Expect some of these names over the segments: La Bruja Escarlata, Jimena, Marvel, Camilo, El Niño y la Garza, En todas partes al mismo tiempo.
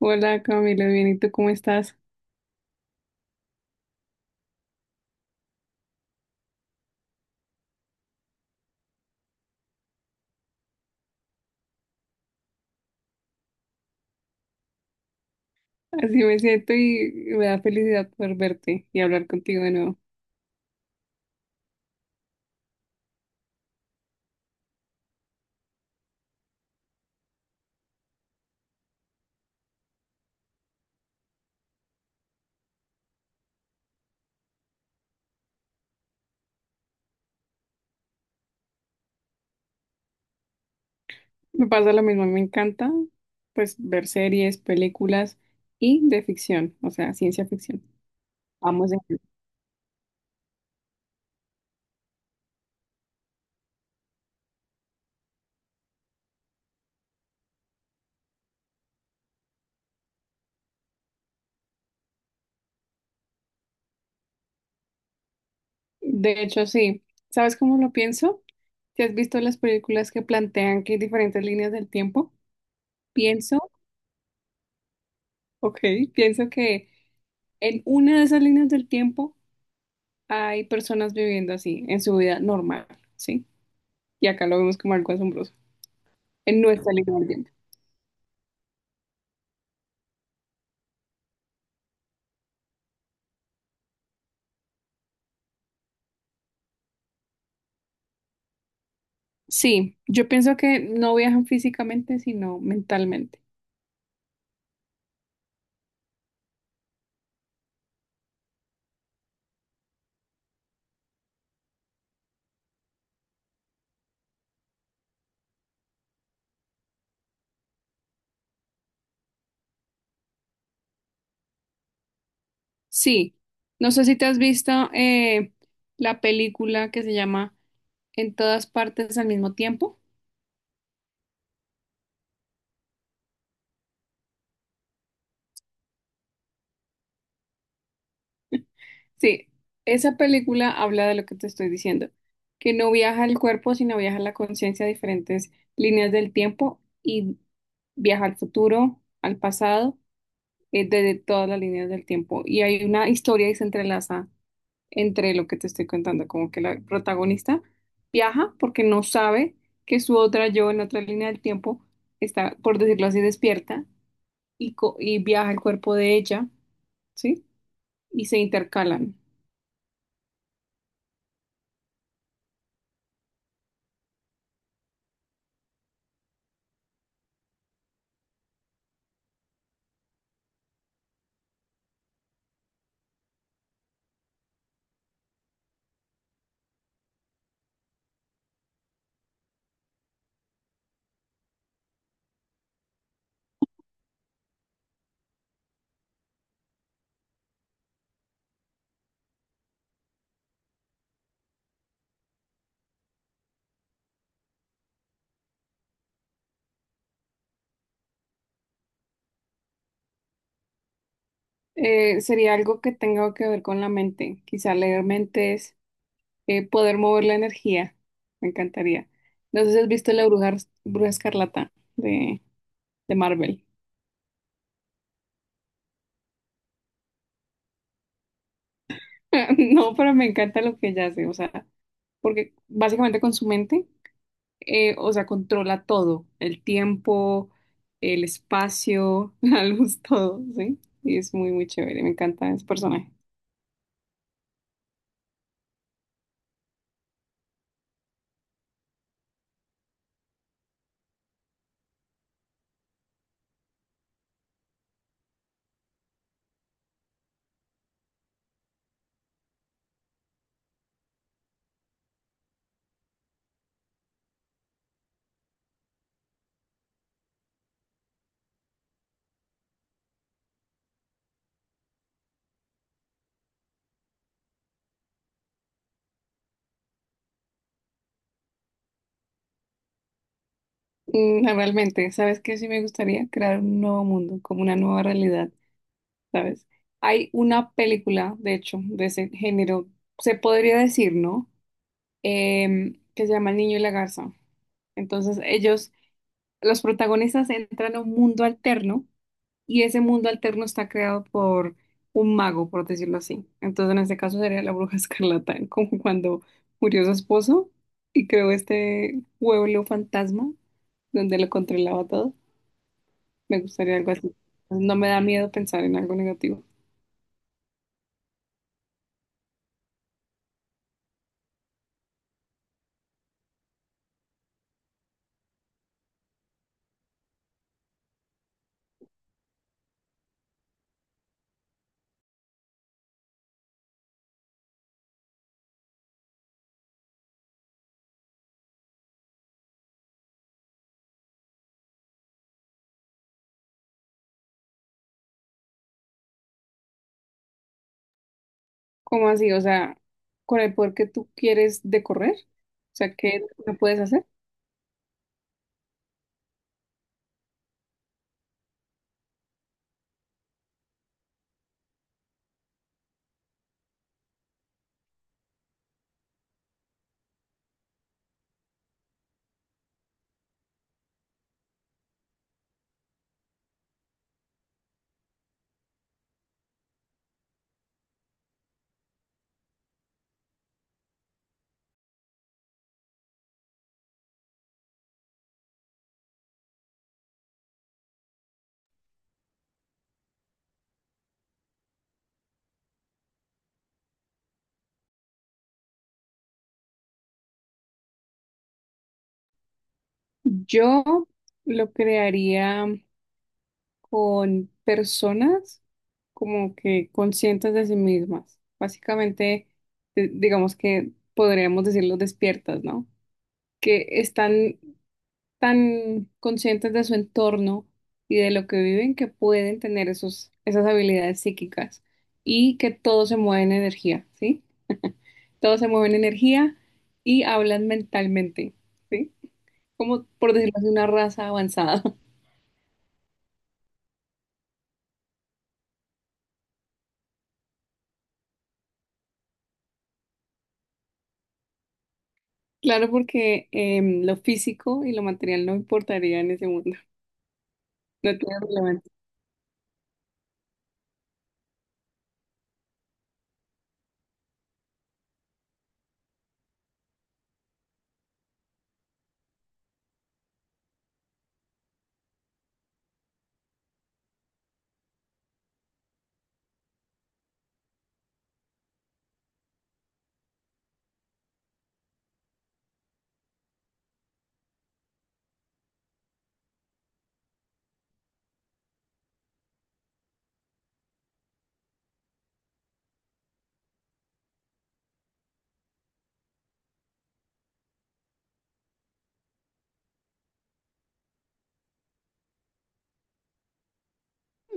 Hola Camilo, bien, ¿y tú cómo estás? Así me siento y me da felicidad poder verte y hablar contigo de nuevo. Me pasa lo mismo, me encanta pues ver series, películas y de ficción, o sea, ciencia ficción. Vamos de... De hecho, sí. ¿Sabes cómo lo pienso? Si has visto las películas que plantean que hay diferentes líneas del tiempo, pienso, ok, pienso que en una de esas líneas del tiempo hay personas viviendo así, en su vida normal, ¿sí? Y acá lo vemos como algo asombroso. En nuestra línea del tiempo. Sí, yo pienso que no viajan físicamente, sino mentalmente. Sí, no sé si te has visto la película que se llama En todas partes al mismo tiempo. Sí, esa película habla de lo que te estoy diciendo, que no viaja el cuerpo, sino viaja la conciencia a diferentes líneas del tiempo y viaja al futuro, al pasado, desde todas las líneas del tiempo. Y hay una historia y se entrelaza entre lo que te estoy contando, como que la protagonista viaja porque no sabe que su otra yo en otra línea del tiempo está, por decirlo así, despierta y viaja el cuerpo de ella, ¿sí? Y se intercalan. Sería algo que tenga que ver con la mente, quizá leer mentes, poder mover la energía, me encantaría. No sé si has visto La Bruja, Bruja Escarlata de Marvel. No, pero me encanta lo que ella hace, o sea, porque básicamente con su mente o sea, controla todo, el tiempo, el espacio, la luz, todo, ¿sí? Y es muy, muy chévere, me encanta ese personaje. Mm, realmente, ¿sabes qué? Sí me gustaría crear un nuevo mundo, como una nueva realidad, ¿sabes? Hay una película, de hecho, de ese género, se podría decir, ¿no? Que se llama El Niño y la Garza. Entonces, ellos, los protagonistas entran a un mundo alterno y ese mundo alterno está creado por un mago, por decirlo así. Entonces, en este caso sería la bruja escarlata, como cuando murió su esposo y creó este pueblo fantasma donde lo controlaba todo. Me gustaría algo así. No me da miedo pensar en algo negativo. ¿Cómo así? O sea, con el poder que tú quieres de correr, o sea, ¿qué no puedes hacer? Yo lo crearía con personas como que conscientes de sí mismas. Básicamente, digamos que podríamos decirlo despiertas, ¿no? Que están tan conscientes de su entorno y de lo que viven que pueden tener esas habilidades psíquicas y que todo se mueve en energía, ¿sí? Todo se mueve en energía y hablan mentalmente, ¿sí? Como por decirlo así, una raza avanzada. Claro, porque lo físico y lo material no importaría en ese mundo. No tiene relevancia.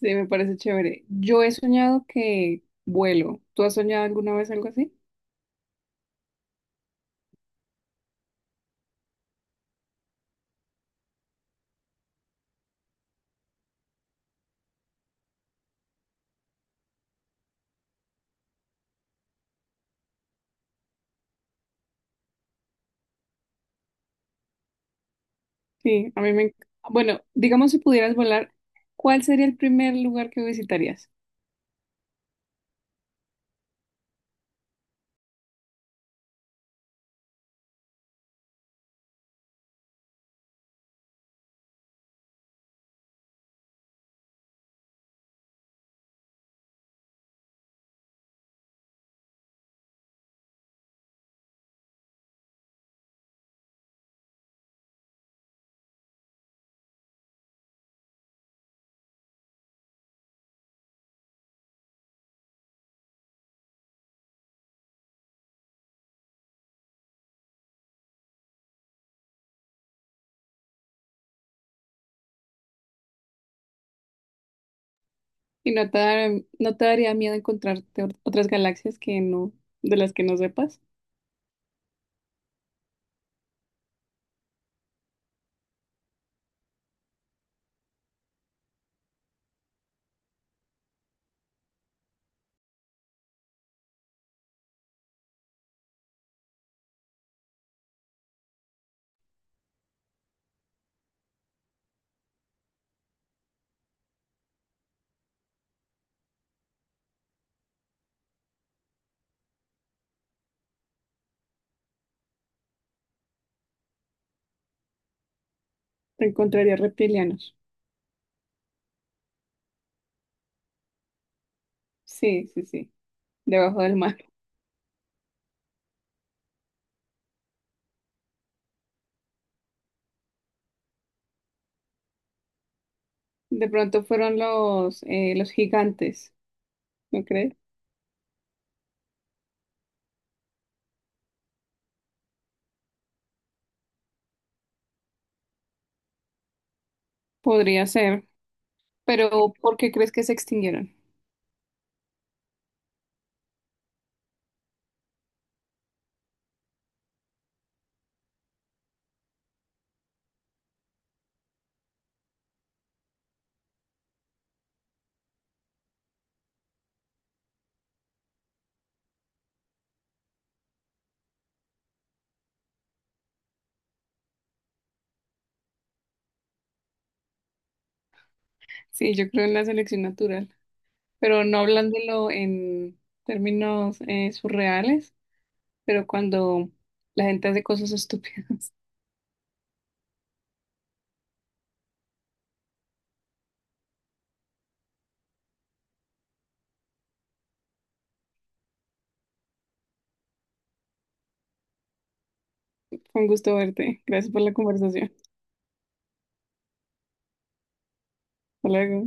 Sí, me parece chévere. Yo he soñado que vuelo. ¿Tú has soñado alguna vez algo así? Sí, a mí me... enc- Bueno, digamos si pudieras volar, ¿cuál sería el primer lugar que visitarías? Y no te daría miedo encontrarte otras galaxias que no, de las que no sepas. Te encontrarías reptilianos. Sí, sí, sí. Debajo del mar. De pronto fueron los gigantes, ¿no crees? Podría ser, pero ¿por qué crees que se extinguieron? Sí, yo creo en la selección natural, pero no hablándolo en términos surreales, pero cuando la gente hace cosas estúpidas. Fue un gusto verte. Gracias por la conversación. Hasta luego.